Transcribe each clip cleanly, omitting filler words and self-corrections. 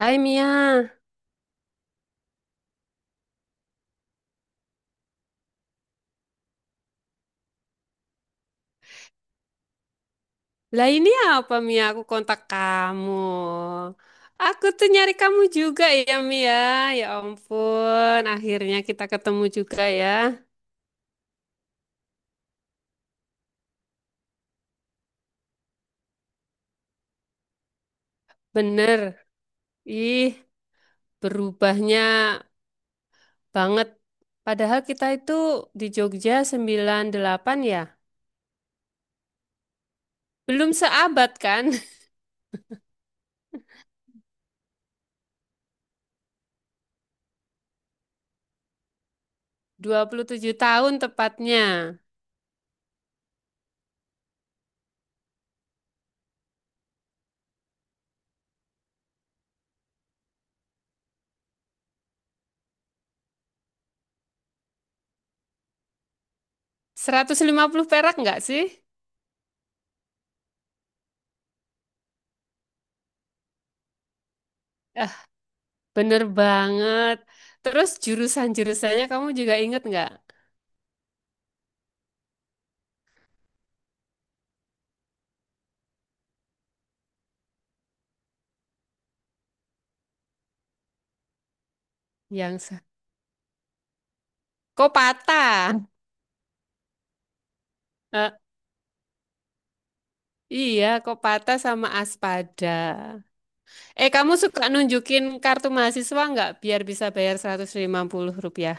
Hai Mia, lah ini apa Mia? Aku kontak kamu. Aku tuh nyari kamu juga ya Mia. Ya ampun, akhirnya kita ketemu juga ya. Bener. Ih, berubahnya banget. Padahal kita itu di Jogja 98 ya. Belum seabad kan? 27 tahun tepatnya. Seratus lima puluh perak nggak sih? Ah, bener banget. Terus jurusan-jurusannya kamu juga inget nggak? Yang sa- Kok patah? Eh, iya, kok patah sama Aspada. Eh, kamu suka nunjukin kartu mahasiswa nggak biar bisa bayar 150 rupiah?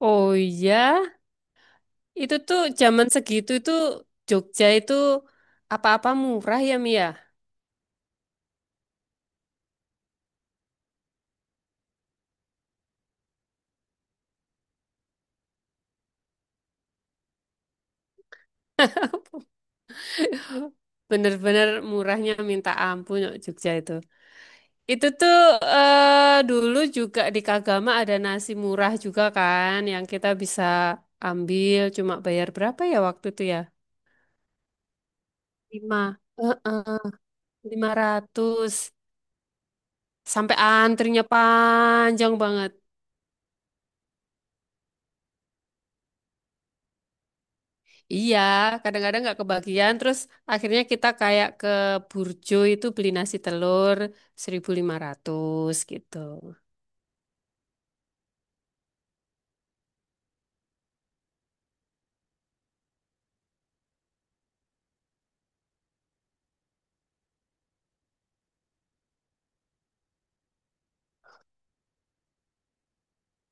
Oh iya, itu tuh zaman segitu tuh Jogja itu apa-apa murah ya Mia. Bener-bener murahnya minta ampun Jogja itu. Itu tuh Dulu juga di Kagama ada nasi murah juga kan yang kita bisa ambil cuma bayar berapa ya waktu itu ya? Lima, Heeh, 500. Sampai antrinya panjang banget. Iya, kadang-kadang nggak kebagian. Terus akhirnya kita kayak ke Burjo itu beli nasi telur 1.500 gitu.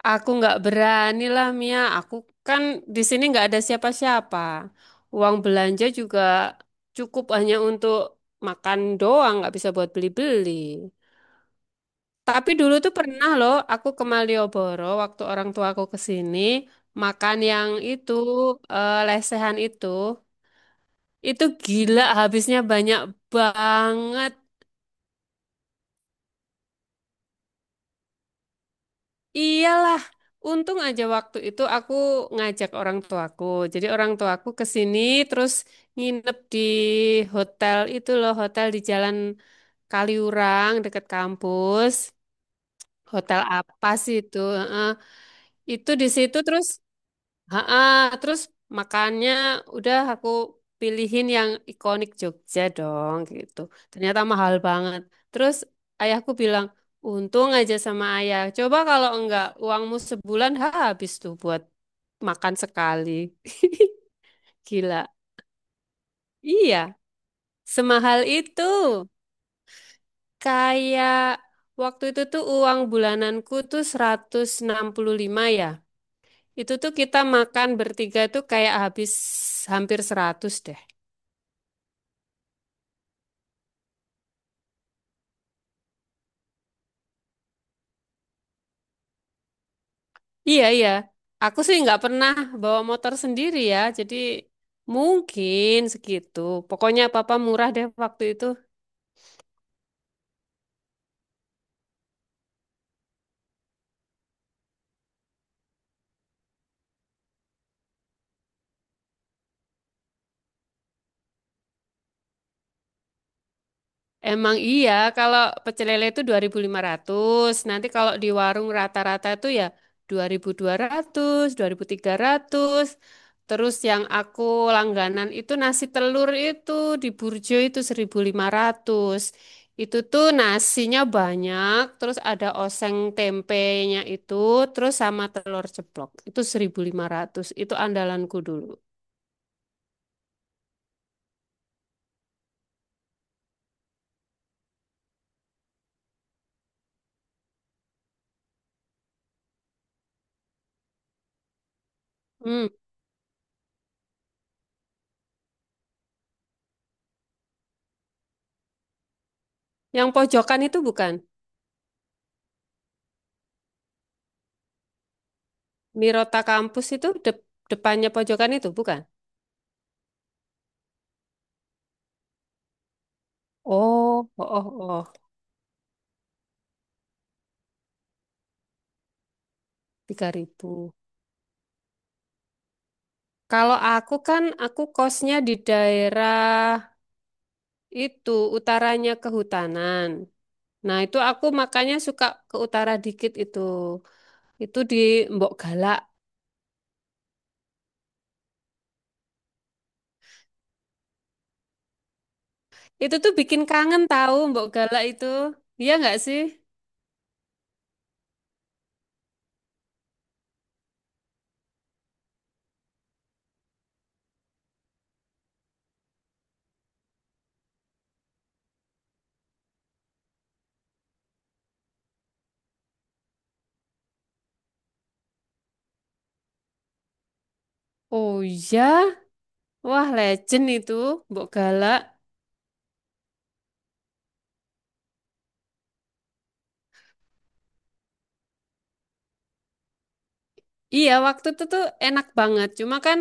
Aku nggak berani lah Mia. Aku kan di sini nggak ada siapa-siapa. Uang belanja juga cukup hanya untuk makan doang, nggak bisa buat beli-beli. Tapi dulu tuh pernah loh aku ke Malioboro waktu orang tua aku ke sini makan yang lesehan itu. Itu gila habisnya banyak banget. Iyalah, untung aja waktu itu aku ngajak orang tuaku. Jadi orang tuaku ke sini terus nginep di hotel itu loh, hotel di Jalan Kaliurang dekat kampus. Hotel apa sih itu? Heeh. Itu di situ terus Ha-ah, terus makannya udah aku pilihin yang ikonik Jogja dong gitu. Ternyata mahal banget. Terus ayahku bilang, untung aja sama ayah. Coba kalau enggak uangmu sebulan ha, habis tuh buat makan sekali. Gila. Iya, semahal itu. Kayak waktu itu tuh uang bulananku tuh 165 ya. Itu tuh kita makan bertiga tuh kayak habis hampir 100 deh. Iya, iya. Aku sih nggak pernah bawa motor sendiri ya. Jadi mungkin segitu. Pokoknya papa murah deh waktu itu. Emang iya, kalau pecel lele itu 2.500, nanti kalau di warung rata-rata itu ya 2.200, 2.300. Terus yang aku langganan itu nasi telur itu di Burjo itu 1.500. Itu tuh nasinya banyak, terus ada oseng tempenya itu, terus sama telur ceplok. Itu 1.500, itu andalanku dulu. Hmm. Yang pojokan itu bukan? Mirota kampus itu depannya pojokan itu, bukan? Oh, oh, oh, oh, 3.000. Kalau aku kan, aku kosnya di daerah itu, utaranya kehutanan. Nah, itu aku makanya suka ke utara dikit itu. Itu di Mbok Galak. Itu tuh bikin kangen tahu Mbok Galak itu. Iya nggak sih? Oh iya. Wah, legend itu Mbok Galak. Iya, waktu itu tuh enak banget. Cuma kan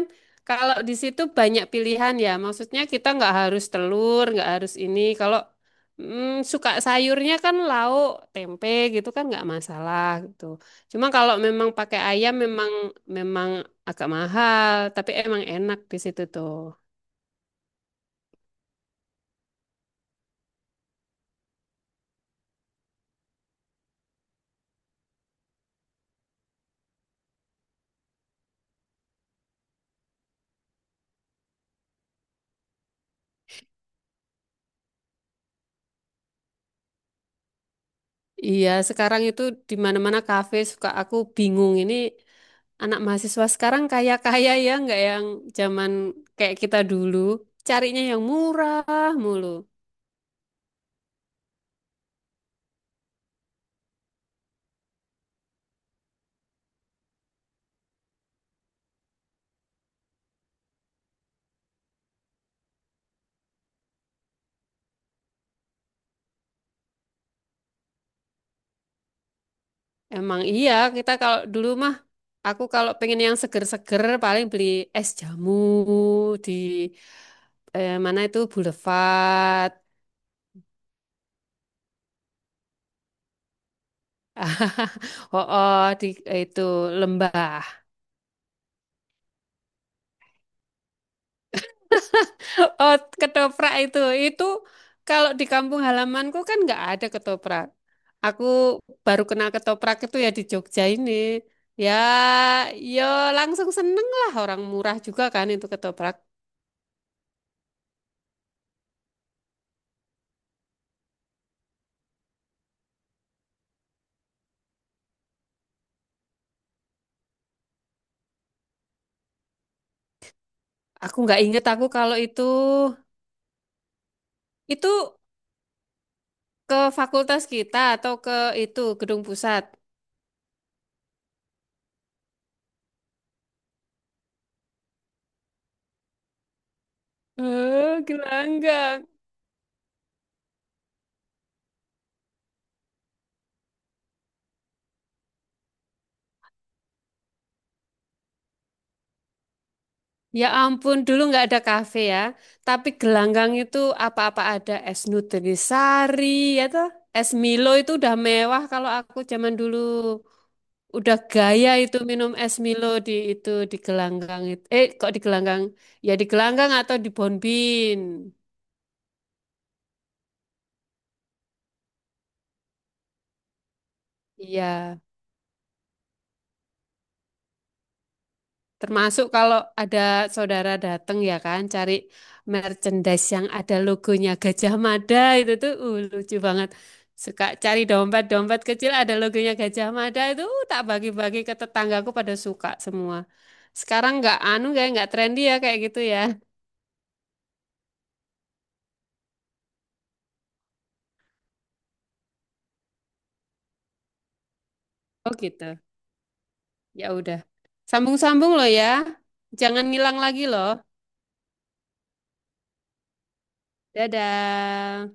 kalau di situ banyak pilihan ya. Maksudnya kita nggak harus telur, nggak harus ini. Suka sayurnya kan lauk, tempe gitu kan nggak masalah gitu. Cuma kalau memang pakai ayam memang memang agak mahal, tapi emang enak di situ tuh. Iya, sekarang itu di mana-mana kafe suka aku bingung ini anak mahasiswa sekarang kaya-kaya ya, nggak yang zaman kayak kita dulu, carinya yang murah mulu. Emang iya, kita kalau dulu mah, aku kalau pengen yang seger-seger paling beli es jamu di mana itu Boulevard, oh, oh di eh, itu lembah. Oh, ketoprak itu. Itu kalau di kampung halamanku kan nggak ada ketoprak. Aku baru kenal ketoprak itu ya di Jogja ini. Ya, Yo langsung seneng lah orang murah juga kan itu ketoprak. Aku nggak inget aku kalau itu ke fakultas kita atau ke itu gedung pusat. Eh, gelanggang. Ya ampun, dulu nggak ada kafe ya. Tapi gelanggang itu apa-apa ada es nutrisari, ya toh. Es Milo itu udah mewah kalau aku zaman dulu. Udah gaya itu minum es Milo di itu di gelanggang itu. Eh, kok di gelanggang? Ya di gelanggang atau di Bonbin. Iya. Termasuk kalau ada saudara datang ya kan, cari merchandise yang ada logonya Gajah Mada itu tuh lucu banget. Suka cari dompet-dompet kecil ada logonya Gajah Mada itu tak bagi-bagi ke tetanggaku pada suka semua. Sekarang nggak anu kayak nggak trendy ya kayak gitu ya. Oh gitu. Ya udah. Sambung-sambung loh ya. Jangan ngilang lagi loh. Dadah.